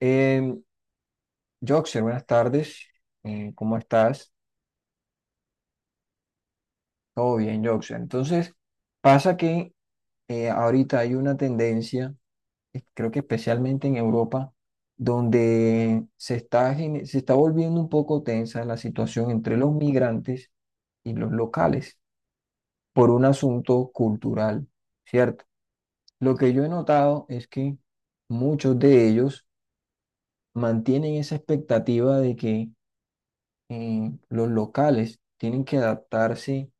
Eh, Joxer, buenas tardes. ¿Cómo estás? Todo bien, Joxer. Entonces, pasa que ahorita hay una tendencia, creo que especialmente en Europa, donde se está volviendo un poco tensa la situación entre los migrantes y los locales por un asunto cultural, ¿cierto? Lo que yo he notado es que muchos de ellos mantienen esa expectativa de que los locales tienen que adaptarse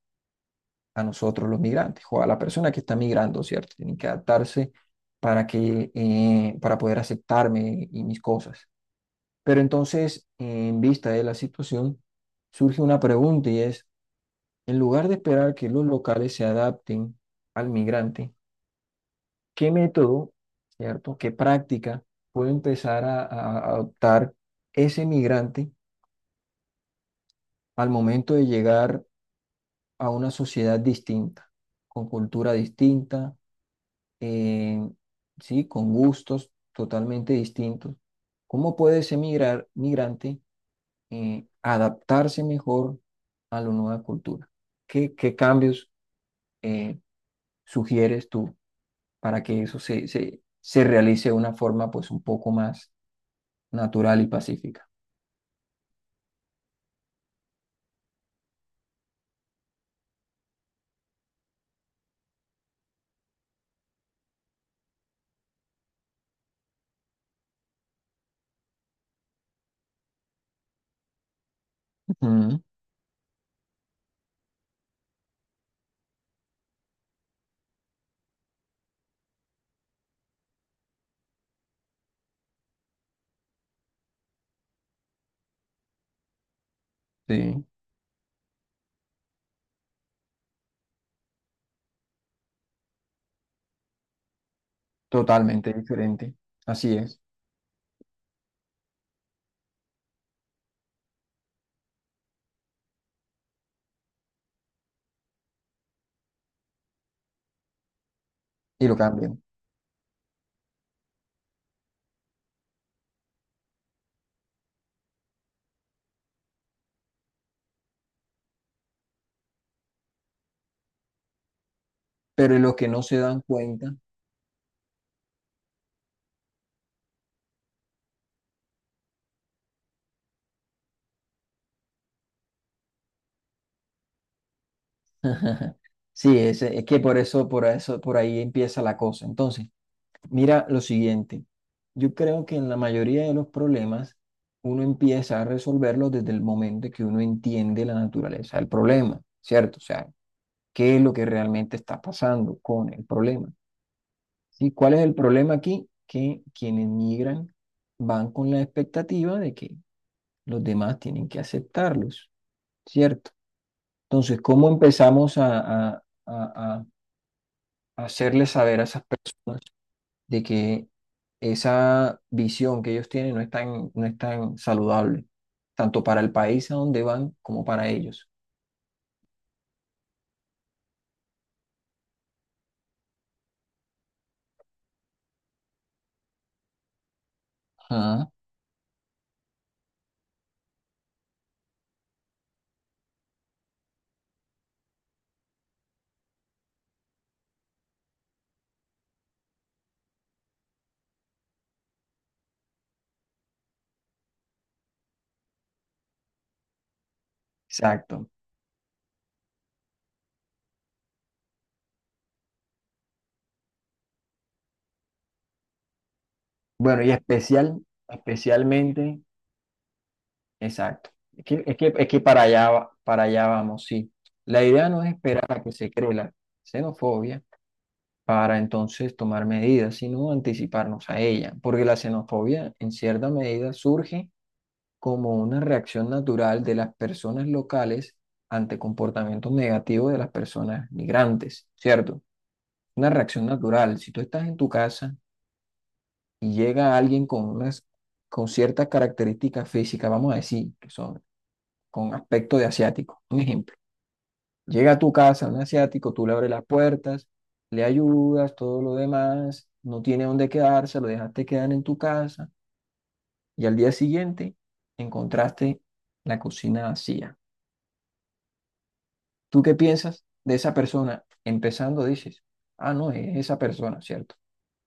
a nosotros los migrantes o a la persona que está migrando, ¿cierto? Tienen que adaptarse para poder aceptarme y mis cosas. Pero entonces, en vista de la situación, surge una pregunta y es, en lugar de esperar que los locales se adapten al migrante, ¿qué método? ¿Cierto? ¿Qué práctica puede empezar a adoptar ese migrante al momento de llegar a una sociedad distinta, con cultura distinta, eh, sí, con gustos totalmente distintos? ¿Cómo puede ese migrante adaptarse mejor a la nueva cultura? ¿Qué cambios eh, sugieres tú para que eso se realice de una forma pues un poco más natural y pacífica? Ujú. Sí, totalmente diferente. Así es. Y lo cambian. Pero en los que no se dan cuenta. Sí, es que por eso, por ahí empieza la cosa. Entonces, mira lo siguiente. Yo creo que en la mayoría de los problemas uno empieza a resolverlos desde el momento que uno entiende la naturaleza del problema, ¿cierto? O sea, ¿qué es lo que realmente está pasando con el problema? ¿Sí? ¿Cuál es el problema aquí? Que quienes migran van con la expectativa de que los demás tienen que aceptarlos, ¿cierto? Entonces, ¿cómo empezamos a hacerles saber a esas personas de que esa visión que ellos tienen no es tan saludable, tanto para el país a donde van como para ellos? Ajá. Exacto. Bueno, y especialmente, exacto. Es que, para allá vamos, sí. La idea no es esperar a que se cree la xenofobia para entonces tomar medidas, sino anticiparnos a ella, porque la xenofobia en cierta medida surge como una reacción natural de las personas locales ante comportamientos negativos de las personas migrantes, ¿cierto? Una reacción natural. Si tú estás en tu casa y llega alguien con ciertas características físicas, vamos a decir, que son con aspecto de asiático, un ejemplo. Llega a tu casa un asiático, tú le abres las puertas, le ayudas, todo lo demás, no tiene dónde quedarse, lo dejaste quedar en tu casa y al día siguiente encontraste la cocina vacía. ¿Tú qué piensas de esa persona? Empezando dices, ah, no, es esa persona, ¿cierto?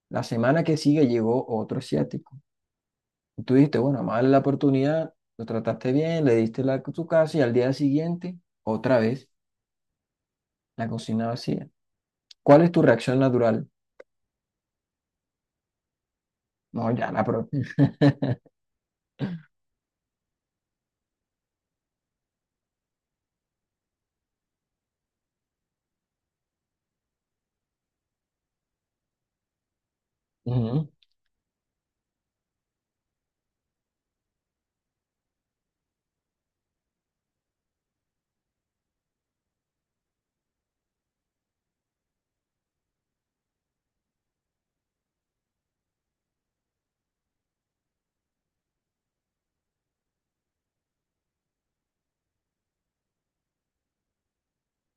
La semana que sigue llegó otro asiático. Y tú dijiste, bueno, más la oportunidad, lo trataste bien, le diste su casa y al día siguiente, otra vez, la cocina vacía. ¿Cuál es tu reacción natural? No, ya la propia. Ujú.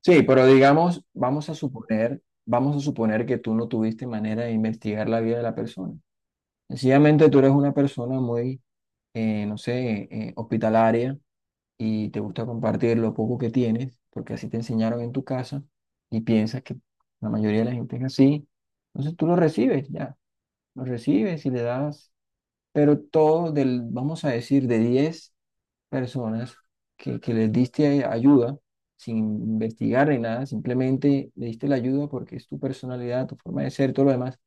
Sí, pero digamos, vamos a suponer que tú no tuviste manera de investigar la vida de la persona. Sencillamente tú eres una persona muy, no sé, hospitalaria y te gusta compartir lo poco que tienes, porque así te enseñaron en tu casa y piensas que la mayoría de la gente es así, entonces tú lo recibes ya, lo recibes y le das, pero vamos a decir, de 10 personas que les diste ayuda, sin investigar ni nada, simplemente le diste la ayuda porque es tu personalidad, tu forma de ser, todo lo demás.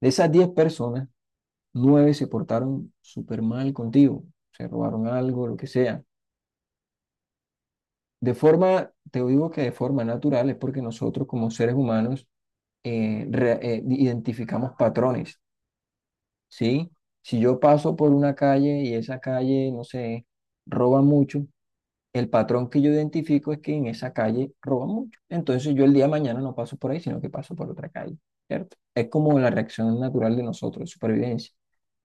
De esas 10 personas, 9 se portaron súper mal contigo, se robaron algo, lo que sea. Te digo que de forma natural es porque nosotros como seres humanos identificamos patrones, ¿sí? Si yo paso por una calle y esa calle, no sé, roba mucho, el patrón que yo identifico es que en esa calle roba mucho. Entonces yo el día de mañana no paso por ahí, sino que paso por otra calle, ¿cierto? Es como la reacción natural de nosotros, supervivencia.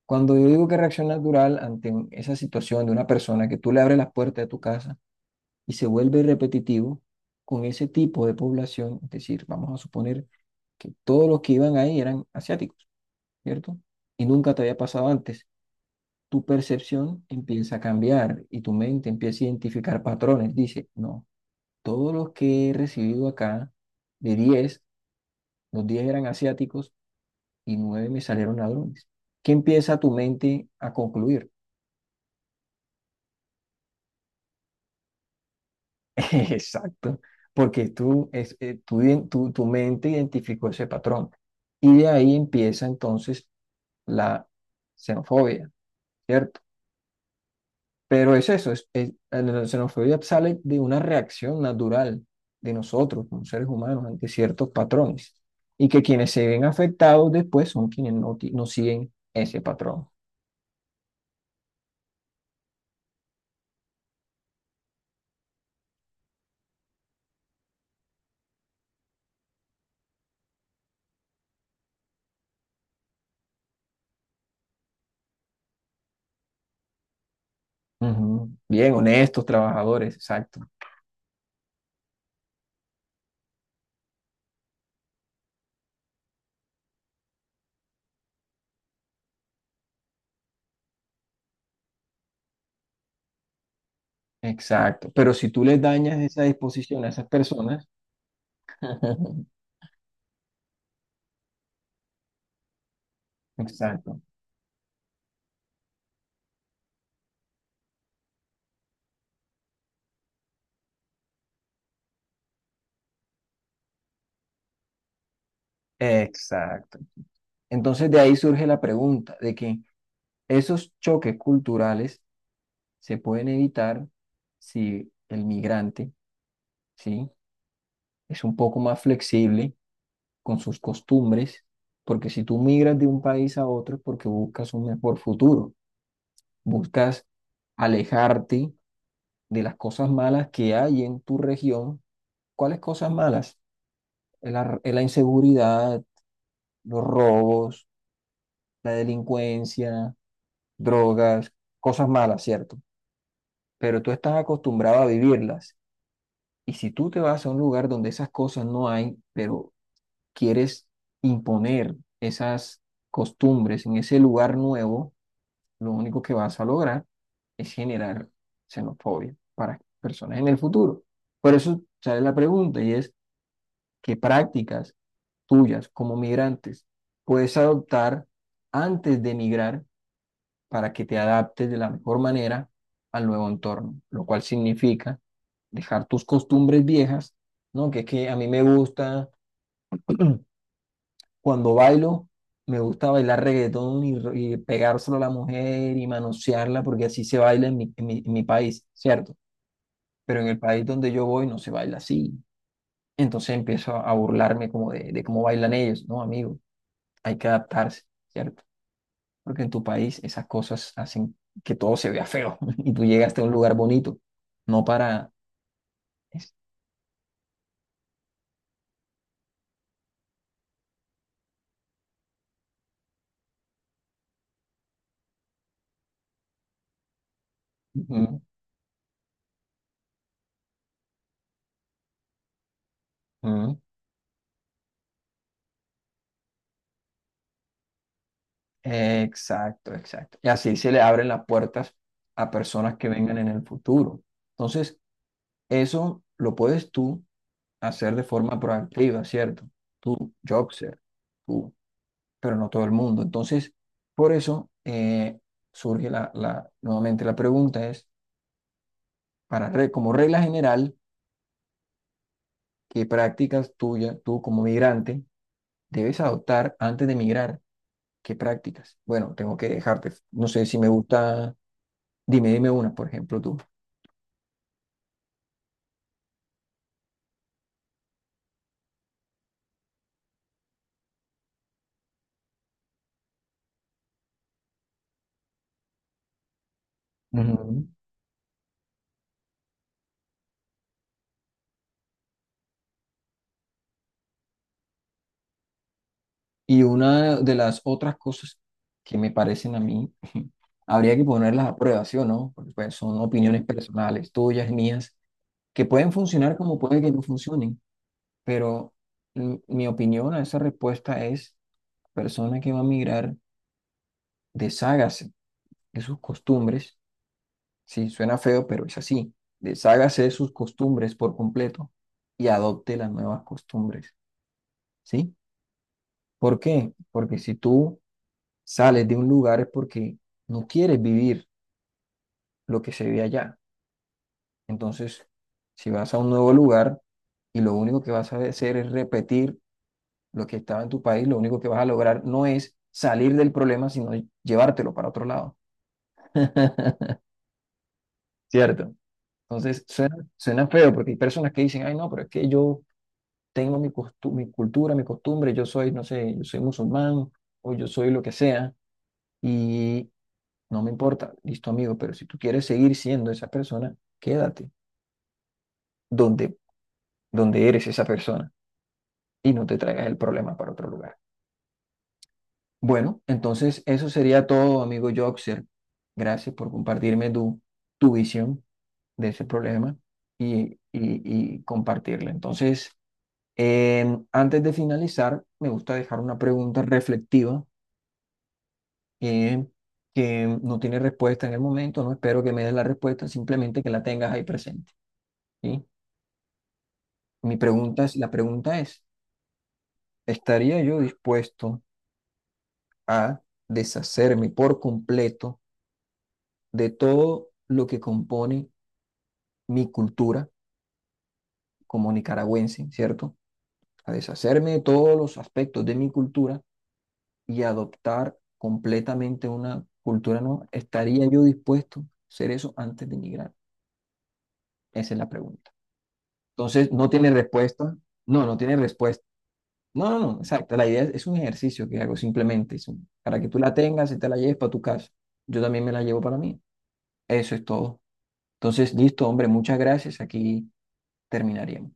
Cuando yo digo que reacción natural ante esa situación de una persona que tú le abres las puertas de tu casa, y se vuelve repetitivo con ese tipo de población, es decir, vamos a suponer que todos los que iban ahí eran asiáticos, ¿cierto? Y nunca te había pasado antes. Tu percepción empieza a cambiar y tu mente empieza a identificar patrones. Dice, no, todos los que he recibido acá, de 10 los 10 eran asiáticos y 9 me salieron ladrones. ¿Qué empieza tu mente a concluir? Exacto, porque tú, es, tú iden- tu mente identificó ese patrón y de ahí empieza entonces la xenofobia, ¿cierto? Pero es eso, la xenofobia sale de una reacción natural de nosotros como seres humanos ante ciertos patrones y que quienes se ven afectados después son quienes no siguen ese patrón. Ujú. Bien, honestos, trabajadores, exacto, exacto. Pero si tú les dañas esa disposición a esas personas. Exacto, exacto. Entonces de ahí surge la pregunta de que esos choques culturales se pueden evitar si el migrante, ¿sí? Es un poco más flexible con sus costumbres, porque si tú migras de un país a otro es porque buscas un mejor futuro, buscas alejarte de las cosas malas que hay en tu región. ¿Cuáles cosas malas? La inseguridad, los robos, la delincuencia, drogas, cosas malas, ¿cierto? Pero tú estás acostumbrado a vivirlas. Y si tú te vas a un lugar donde esas cosas no hay, pero quieres imponer esas costumbres en ese lugar nuevo, lo único que vas a lograr es generar xenofobia para personas en el futuro. Por eso sale la pregunta y es, ¿qué prácticas tuyas como migrantes puedes adoptar antes de emigrar para que te adaptes de la mejor manera al nuevo entorno, lo cual significa dejar tus costumbres viejas? ¿No? Que es que a mí me gusta, cuando bailo, me gusta bailar reggaetón y pegárselo a la mujer y manosearla, porque así se baila en mi país, ¿cierto? Pero en el país donde yo voy no se baila así. Entonces empiezo a burlarme como de cómo bailan ellos, ¿no, amigo? Hay que adaptarse, ¿cierto? Porque en tu país esas cosas hacen que todo se vea feo y tú llegaste a un lugar bonito. No para... es- Ujú, ujú. Exacto, exacto. Y así se le abren las puertas a personas que vengan en el futuro. Entonces, eso lo puedes tú hacer de forma proactiva, ¿cierto? Tú, Jobser, tú, pero no todo el mundo. Entonces, por eso surge nuevamente la pregunta es, como regla general, ¿qué prácticas tú como migrante, debes adoptar antes de migrar? ¿Qué prácticas? Bueno, tengo que dejarte. No sé si me gusta, dime una, por ejemplo, tú. Ujú. Y una de las otras cosas que me parecen a mí, habría que ponerlas a prueba, ¿sí o no? Porque pues, son opiniones personales, tuyas, mías, que pueden funcionar como puede que no funcionen, pero mi opinión a esa respuesta es, persona que va a migrar, deshágase de sus costumbres. Sí, suena feo, pero es así. Deshágase de sus costumbres por completo y adopte las nuevas costumbres, ¿sí? ¿Por qué? Porque si tú sales de un lugar es porque no quieres vivir lo que se ve allá. Entonces, si vas a un nuevo lugar y lo único que vas a hacer es repetir lo que estaba en tu país, lo único que vas a lograr no es salir del problema, sino llevártelo para otro lado. ¿Cierto? Entonces, suena feo porque hay personas que dicen, ay, no, pero es que yo tengo mi cultura, mi costumbre, yo soy, no sé, yo soy musulmán o yo soy lo que sea y no me importa, listo amigo, pero si tú quieres seguir siendo esa persona, quédate donde, donde eres esa persona y no te traigas el problema para otro lugar. Bueno, entonces eso sería todo, amigo Joxer. Gracias por compartirme tu visión de ese problema y compartirla. Entonces, antes de finalizar, me gusta dejar una pregunta reflectiva que, que no tiene respuesta en el momento, no espero que me des la respuesta, simplemente que la tengas ahí presente, ¿sí? La pregunta es, ¿estaría yo dispuesto a deshacerme por completo de todo lo que compone mi cultura como nicaragüense? ¿Cierto? A deshacerme de todos los aspectos de mi cultura y adoptar completamente una cultura nueva. ¿Estaría yo dispuesto a hacer eso antes de emigrar? Esa es la pregunta. Entonces, no tiene respuesta. No, no tiene respuesta. No, no, no, exacto. La idea es un ejercicio que hago simplemente. Para que tú la tengas y te la lleves para tu casa. Yo también me la llevo para mí. Eso es todo. Entonces, listo, hombre, muchas gracias. Aquí terminaríamos.